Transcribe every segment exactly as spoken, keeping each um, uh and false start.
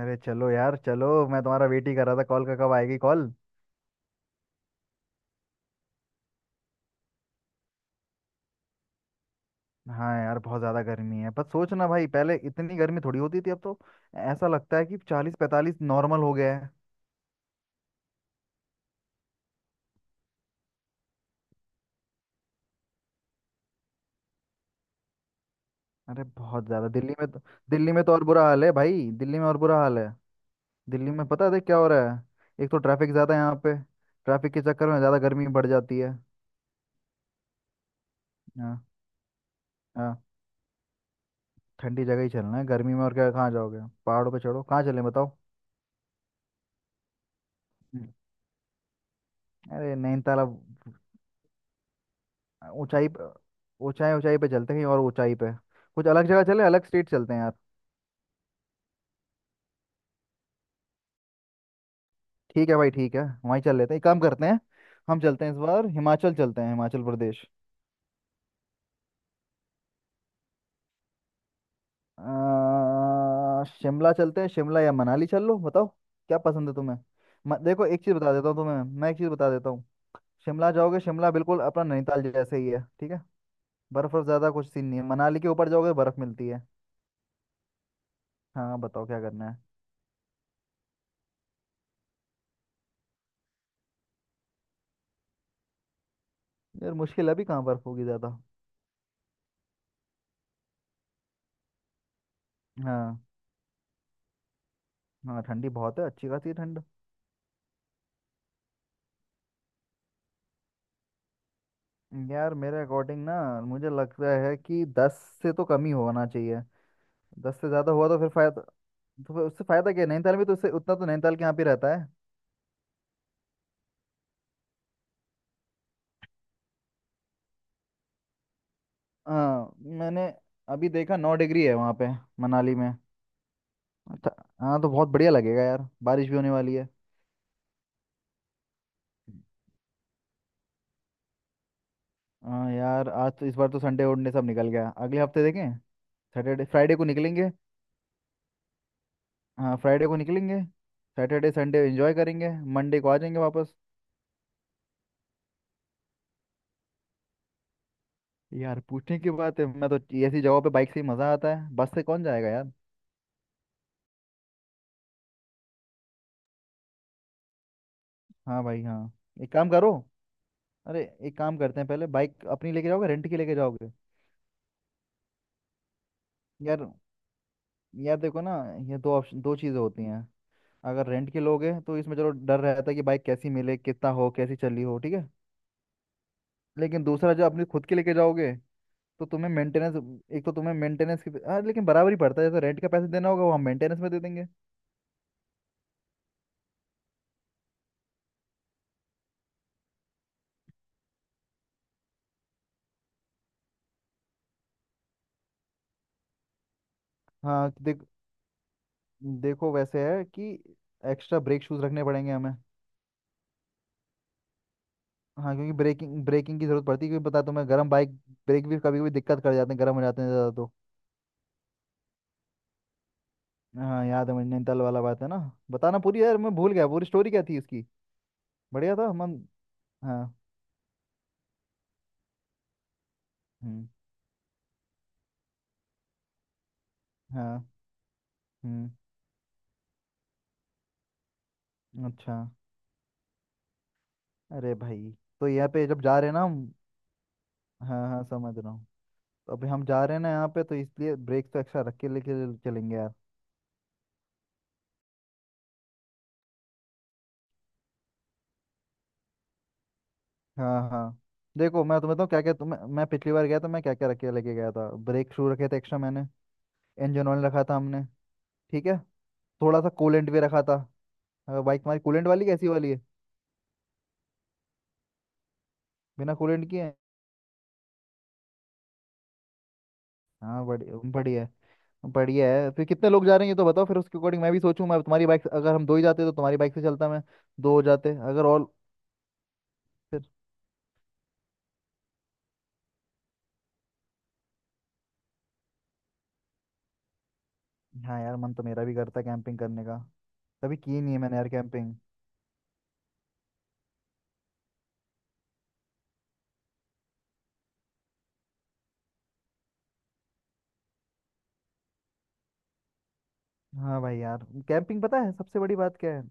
अरे चलो यार, चलो। मैं तुम्हारा वेट ही कर रहा था कॉल का, कब आएगी कॉल। हाँ यार, बहुत ज़्यादा गर्मी है। पर सोच ना भाई, पहले इतनी गर्मी थोड़ी होती थी, अब तो ऐसा लगता है कि चालीस पैंतालीस नॉर्मल हो गया है। अरे बहुत ज़्यादा, दिल्ली में तो। दिल्ली में तो और बुरा हाल है भाई, दिल्ली में और बुरा हाल है। दिल्ली में पता है, देख क्या हो रहा है। एक तो ट्रैफिक ज़्यादा है यहाँ पे। ट्रैफिक के चक्कर में ज़्यादा गर्मी बढ़ जाती है। हाँ। हाँ, ठंडी जगह ही चलना है गर्मी में, और क्या। कहाँ जाओगे। पहाड़ों पे चढ़ो, कहाँ चलें बताओ। हम्म, अरे नैनीताल अब। ऊंचाई प- ऊंचाई ऊंचाई पे चलते हैं कहीं और ऊंचाई पे। कुछ अलग जगह चले, अलग स्टेट चलते हैं यार। ठीक है भाई, ठीक है। वहीं चल लेते हैं, एक काम करते हैं। हम चलते हैं, इस बार हिमाचल चलते हैं, हिमाचल प्रदेश। अ, शिमला चलते हैं, शिमला या मनाली चल लो बताओ। क्या पसंद है तुम्हें। म, देखो एक चीज़ बता देता हूँ तुम्हें, मैं एक चीज़ बता देता हूँ। शिमला जाओगे, शिमला बिल्कुल अपना नैनीताल जैसे ही है, ठीक है। बर्फ वर्फ ज़्यादा कुछ सीन नहीं है। मनाली के ऊपर जाओगे बर्फ मिलती है। हाँ, बताओ क्या करना है। यार मुश्किल है, अभी कहाँ बर्फ होगी ज़्यादा। हाँ। हाँ, ठंडी बहुत है, अच्छी खासी ठंड। यार मेरे अकॉर्डिंग ना, मुझे लगता है कि दस से तो कम ही होना चाहिए। दस से ज़्यादा हुआ तो फिर फायदा, तो फिर उससे फ़ायदा क्या है? नैनीताल में तो उससे उतना तो नैनीताल के यहाँ पे रहता है। हाँ, मैंने अभी देखा नौ डिग्री है वहाँ पे, मनाली में। अच्छा। हाँ तो बहुत बढ़िया लगेगा यार, बारिश भी होने वाली है। हाँ यार, आज तो, इस बार तो संडे उनडे सब निकल गया। अगले हफ्ते देखें, सैटरडे फ्राइडे को निकलेंगे। हाँ, फ्राइडे को निकलेंगे। सैटरडे संडे एंजॉय करेंगे, मंडे को आ जाएंगे वापस। यार पूछने की बात है, मैं तो ऐसी जगहों पे बाइक से ही मजा आता है। बस से कौन जाएगा यार। हाँ भाई, हाँ। एक काम करो। अरे एक काम करते हैं, पहले बाइक अपनी लेके जाओगे, रेंट की लेके जाओगे। यार यार देखो ना, ये दो ऑप्शन, दो चीज़ें होती हैं। अगर रेंट की लोगे तो इसमें चलो डर रहता है कि बाइक कैसी मिले, कितना हो, कैसी चली हो, ठीक है। लेकिन दूसरा, जो अपनी खुद की लेके जाओगे, तो तुम्हें मेंटेनेंस, एक तो तुम्हें मेंटेनेंस की, हाँ लेकिन बराबर ही पड़ता है। जैसे रेंट का पैसे देना होगा वो हम मेंटेनेंस में दे देंगे। हाँ देख, देखो वैसे है कि एक्स्ट्रा ब्रेक शूज रखने पड़ेंगे हमें। हाँ, क्योंकि ब्रेकिंग ब्रेकिंग की जरूरत पड़ती है, क्योंकि पता है तुम्हें, गर्म बाइक, ब्रेक भी कभी कभी दिक्कत कर जाते हैं, गर्म हो जाते हैं ज़्यादा तो। हाँ, याद है मुझे, नैनीताल वाला बात है ना। बताना पूरी यार, मैं भूल गया पूरी स्टोरी क्या थी इसकी। बढ़िया था मन। हाँ। हम्म। हाँ। हम्म। अच्छा। अरे भाई, तो यहाँ पे जब जा रहे हैं ना हम। हाँ हाँ, समझ रहा हूँ। तो अभी हम जा रहे हैं ना यहाँ पे, तो इसलिए ब्रेक तो एक्स्ट्रा रख के लेके चलेंगे यार। हाँ हाँ। देखो मैं तुम्हें तो, क्या क्या तुम्हें मैं, पिछली बार गया था मैं क्या क्या रख के लेके गया था। ब्रेक शू रखे थे एक्स्ट्रा मैंने, इंजन ऑयल रखा था हमने। ठीक है, थोड़ा सा कूलेंट भी रखा था। अ, बाइक हमारी कूलेंट वाली, कैसी वाली है। बिना कूलेंट की है। हाँ, बढ़िया बढ़िया है। बढ़िया है। फिर कितने लोग जा रहे हैं ये तो बताओ, फिर उसके अकॉर्डिंग मैं भी सोचूं। मैं तुम्हारी बाइक से-, अगर हम दो ही जाते तो तुम्हारी बाइक से चलता मैं। दो हो जाते अगर और, फिर। हाँ यार, मन तो मेरा भी करता है कैंपिंग करने का। कभी की नहीं है मैंने यार कैंपिंग। हाँ भाई यार, कैंपिंग पता है सबसे बड़ी बात क्या है,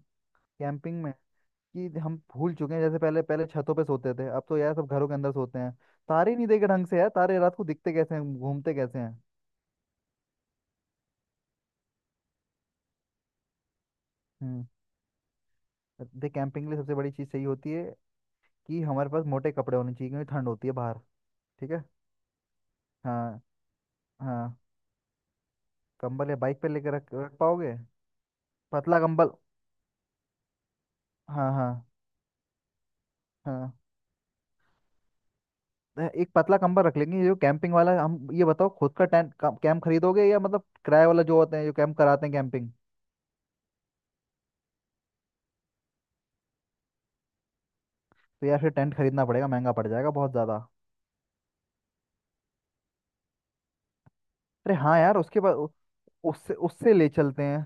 कैंपिंग में, कि हम भूल चुके हैं। जैसे पहले पहले छतों पे सोते थे, अब तो यार सब घरों के अंदर सोते हैं। तारे नहीं देखे ढंग से यार। तारे रात को दिखते कैसे हैं, घूमते कैसे हैं। हम्म। देख कैंपिंग के लिए सबसे बड़ी चीज़ सही होती है कि हमारे पास मोटे कपड़े होने चाहिए, क्योंकि ठंड होती है बाहर। ठीक है। हाँ। हाँ, कंबल या बाइक पे लेकर रख रख पाओगे। पतला कंबल। हाँ। हाँ। हाँ। अ, एक पतला कंबल रख लेंगे जो कैंपिंग वाला। हम ये बताओ, खुद का टेंट कैंप खरीदोगे, या मतलब किराए वाला जो होते हैं, जो कैंप कराते हैं कैंपिंग। तो यार फिर टेंट खरीदना पड़ेगा, महंगा पड़ जाएगा बहुत ज़्यादा। अरे हाँ यार, उसके पास उ- उससे उससे ले चलते हैं।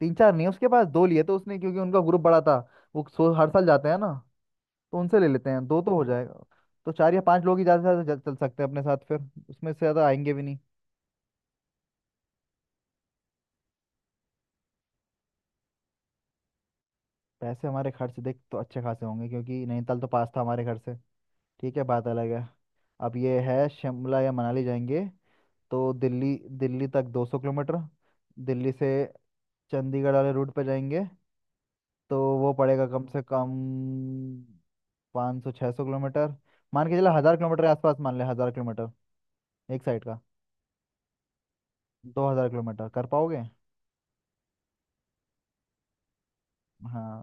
तीन चार नहीं, उसके पास दो लिए थे उसने, क्योंकि उनका ग्रुप बड़ा था। वो सो, हर साल जाते हैं ना। तो उनसे ले लेते हैं, दो तो हो जाएगा। तो चार या पांच लोग ही ज़्यादा से ज़्यादा चल सकते हैं अपने साथ फिर। उसमें से ज़्यादा आएंगे भी नहीं। पैसे हमारे खर्च देख तो अच्छे खासे होंगे, क्योंकि नैनीताल तो पास था हमारे घर से। ठीक है, बात अलग है। अब ये है शिमला या मनाली जाएंगे, तो दिल्ली दिल्ली तक दो सौ किलोमीटर। दिल्ली से चंडीगढ़ वाले रूट पे जाएंगे, तो वो पड़ेगा कम से कम पाँच सौ छह सौ किलोमीटर। मान के चले हज़ार किलोमीटर के आसपास, मान ले हज़ार किलोमीटर एक साइड का। दो हज़ार किलोमीटर कर पाओगे। हाँ,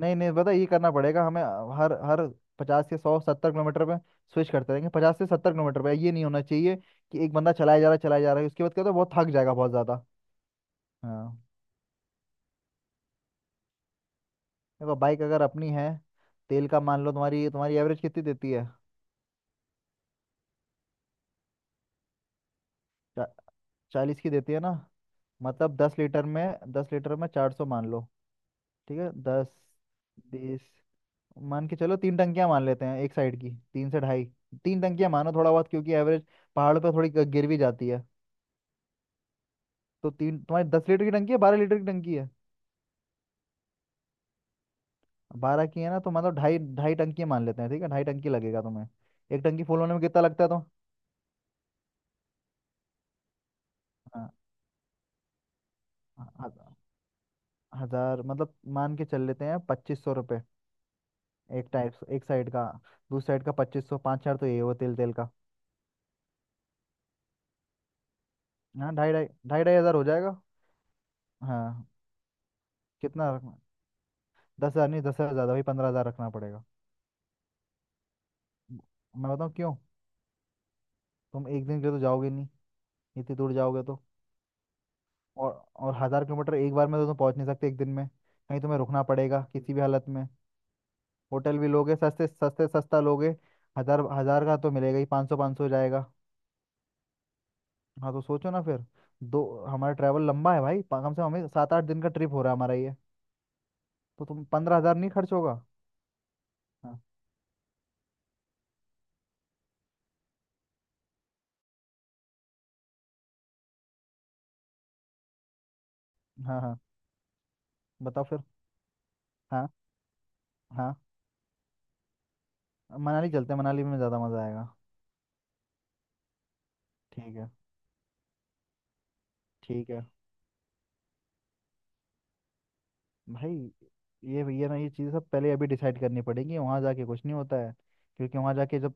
नहीं नहीं, पता ये करना पड़ेगा हमें। हर हर पचास से सौ सत्तर किलोमीटर पे स्विच करते रहेंगे। पचास से सत्तर किलोमीटर पे, ये नहीं होना चाहिए कि एक बंदा चलाया जा रहा है, चलाया जा रहा है। उसके बाद क्या होता है, बहुत थक जाएगा बहुत ज़्यादा। हाँ, देखो बाइक अगर अपनी है, तेल का, मान लो तुम्हारी तुम्हारी एवरेज कितनी देती है। चा, चालीस की देती है ना। मतलब दस लीटर में, दस लीटर में चार सौ मान लो। ठीक है, दस, बीस, मान के चलो तीन टंकियां मान लेते हैं एक साइड की, तीन से ढाई। तीन टंकियां मानो थोड़ा बहुत, क्योंकि एवरेज पहाड़ पर थोड़ी ग- गिर भी जाती है। तो तीन, तुम्हारी दस लीटर की टंकी है, बारह लीटर की टंकी है। बारह की है ना, तो मतलब ढाई ढाई टंकी मान लेते हैं, ठीक है ढाई टंकी लगेगा तुम्हें। एक टंकी फुल होने में कितना लगता है तो। हाँ। हाँ, हजार मतलब, मान के चल लेते हैं पच्चीस सौ रुपये। एक टाइप से- एक साइड का, दूसरी साइड का पच्चीस सौ, पाँच चार, तो ये हुआ तेल तेल का हाँ, ढाई ढाई ढाई ढाई हज़ार हो जाएगा। हाँ, कितना रखना। दस हज़ार नहीं, दस हज़ार ज़्यादा भाई, पंद्रह हज़ार रखना पड़ेगा। मैं बताऊँ क्यों। तुम एक दिन के लिए तो जाओगे नहीं, इतनी दूर जाओगे तो। और और हज़ार किलोमीटर एक बार में तो तुम पहुँच नहीं सकते एक दिन में, कहीं तुम्हें रुकना पड़ेगा किसी भी हालत में। होटल भी लोगे सस्ते सस्ते, सस्ता लोगे। हज़ार हज़ार का तो मिलेगा ही, पाँच सौ पाँच सौ जाएगा। हाँ तो सोचो ना फिर, दो, हमारा ट्रैवल लंबा है भाई। प- कम से कम हमें सात आठ दिन का ट्रिप हो रहा है हमारा ये। तो तुम, पंद्रह हजार नहीं खर्च होगा। हाँ। हाँ। हाँ, बताओ फिर। हाँ। हाँ, मनाली चलते हैं, मनाली में ज़्यादा मज़ा आएगा। ठीक है। ठीक है भाई, ये ये ना, ये चीज़ सब पहले अभी डिसाइड करनी पड़ेगी, वहाँ जाके कुछ नहीं होता है। क्योंकि वहाँ जाके जब,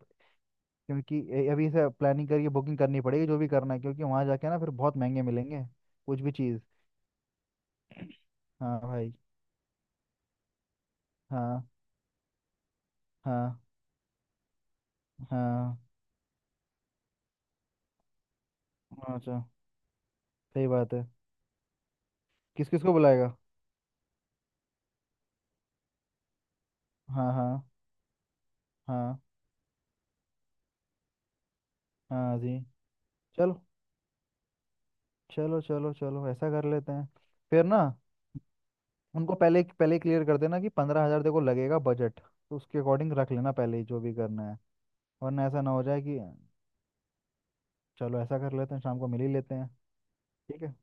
क्योंकि ए- अभी से प्लानिंग करके बुकिंग करनी पड़ेगी, जो भी करना है, क्योंकि वहाँ जाके ना फिर बहुत महंगे मिलेंगे, कुछ भी चीज़। हाँ भाई। हाँ। हाँ। हाँ। अच्छा, सही बात है। किस किस को बुलाएगा। हाँ। हाँ। हाँ। हाँ जी। चलो। चलो। चलो। चलो ऐसा कर लेते हैं फिर ना। उनको पहले पहले क्लियर कर देना कि पंद्रह हजार देखो लगेगा बजट, तो उसके अकॉर्डिंग रख लेना पहले ही, जो भी करना है। वरना ऐसा ना हो जाए कि, चलो ऐसा कर लेते हैं, शाम को मिल ही लेते हैं। ठीक है।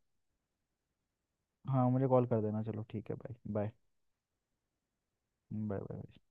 हाँ, मुझे कॉल कर देना, चलो ठीक है, बाय बाय। Bye bye.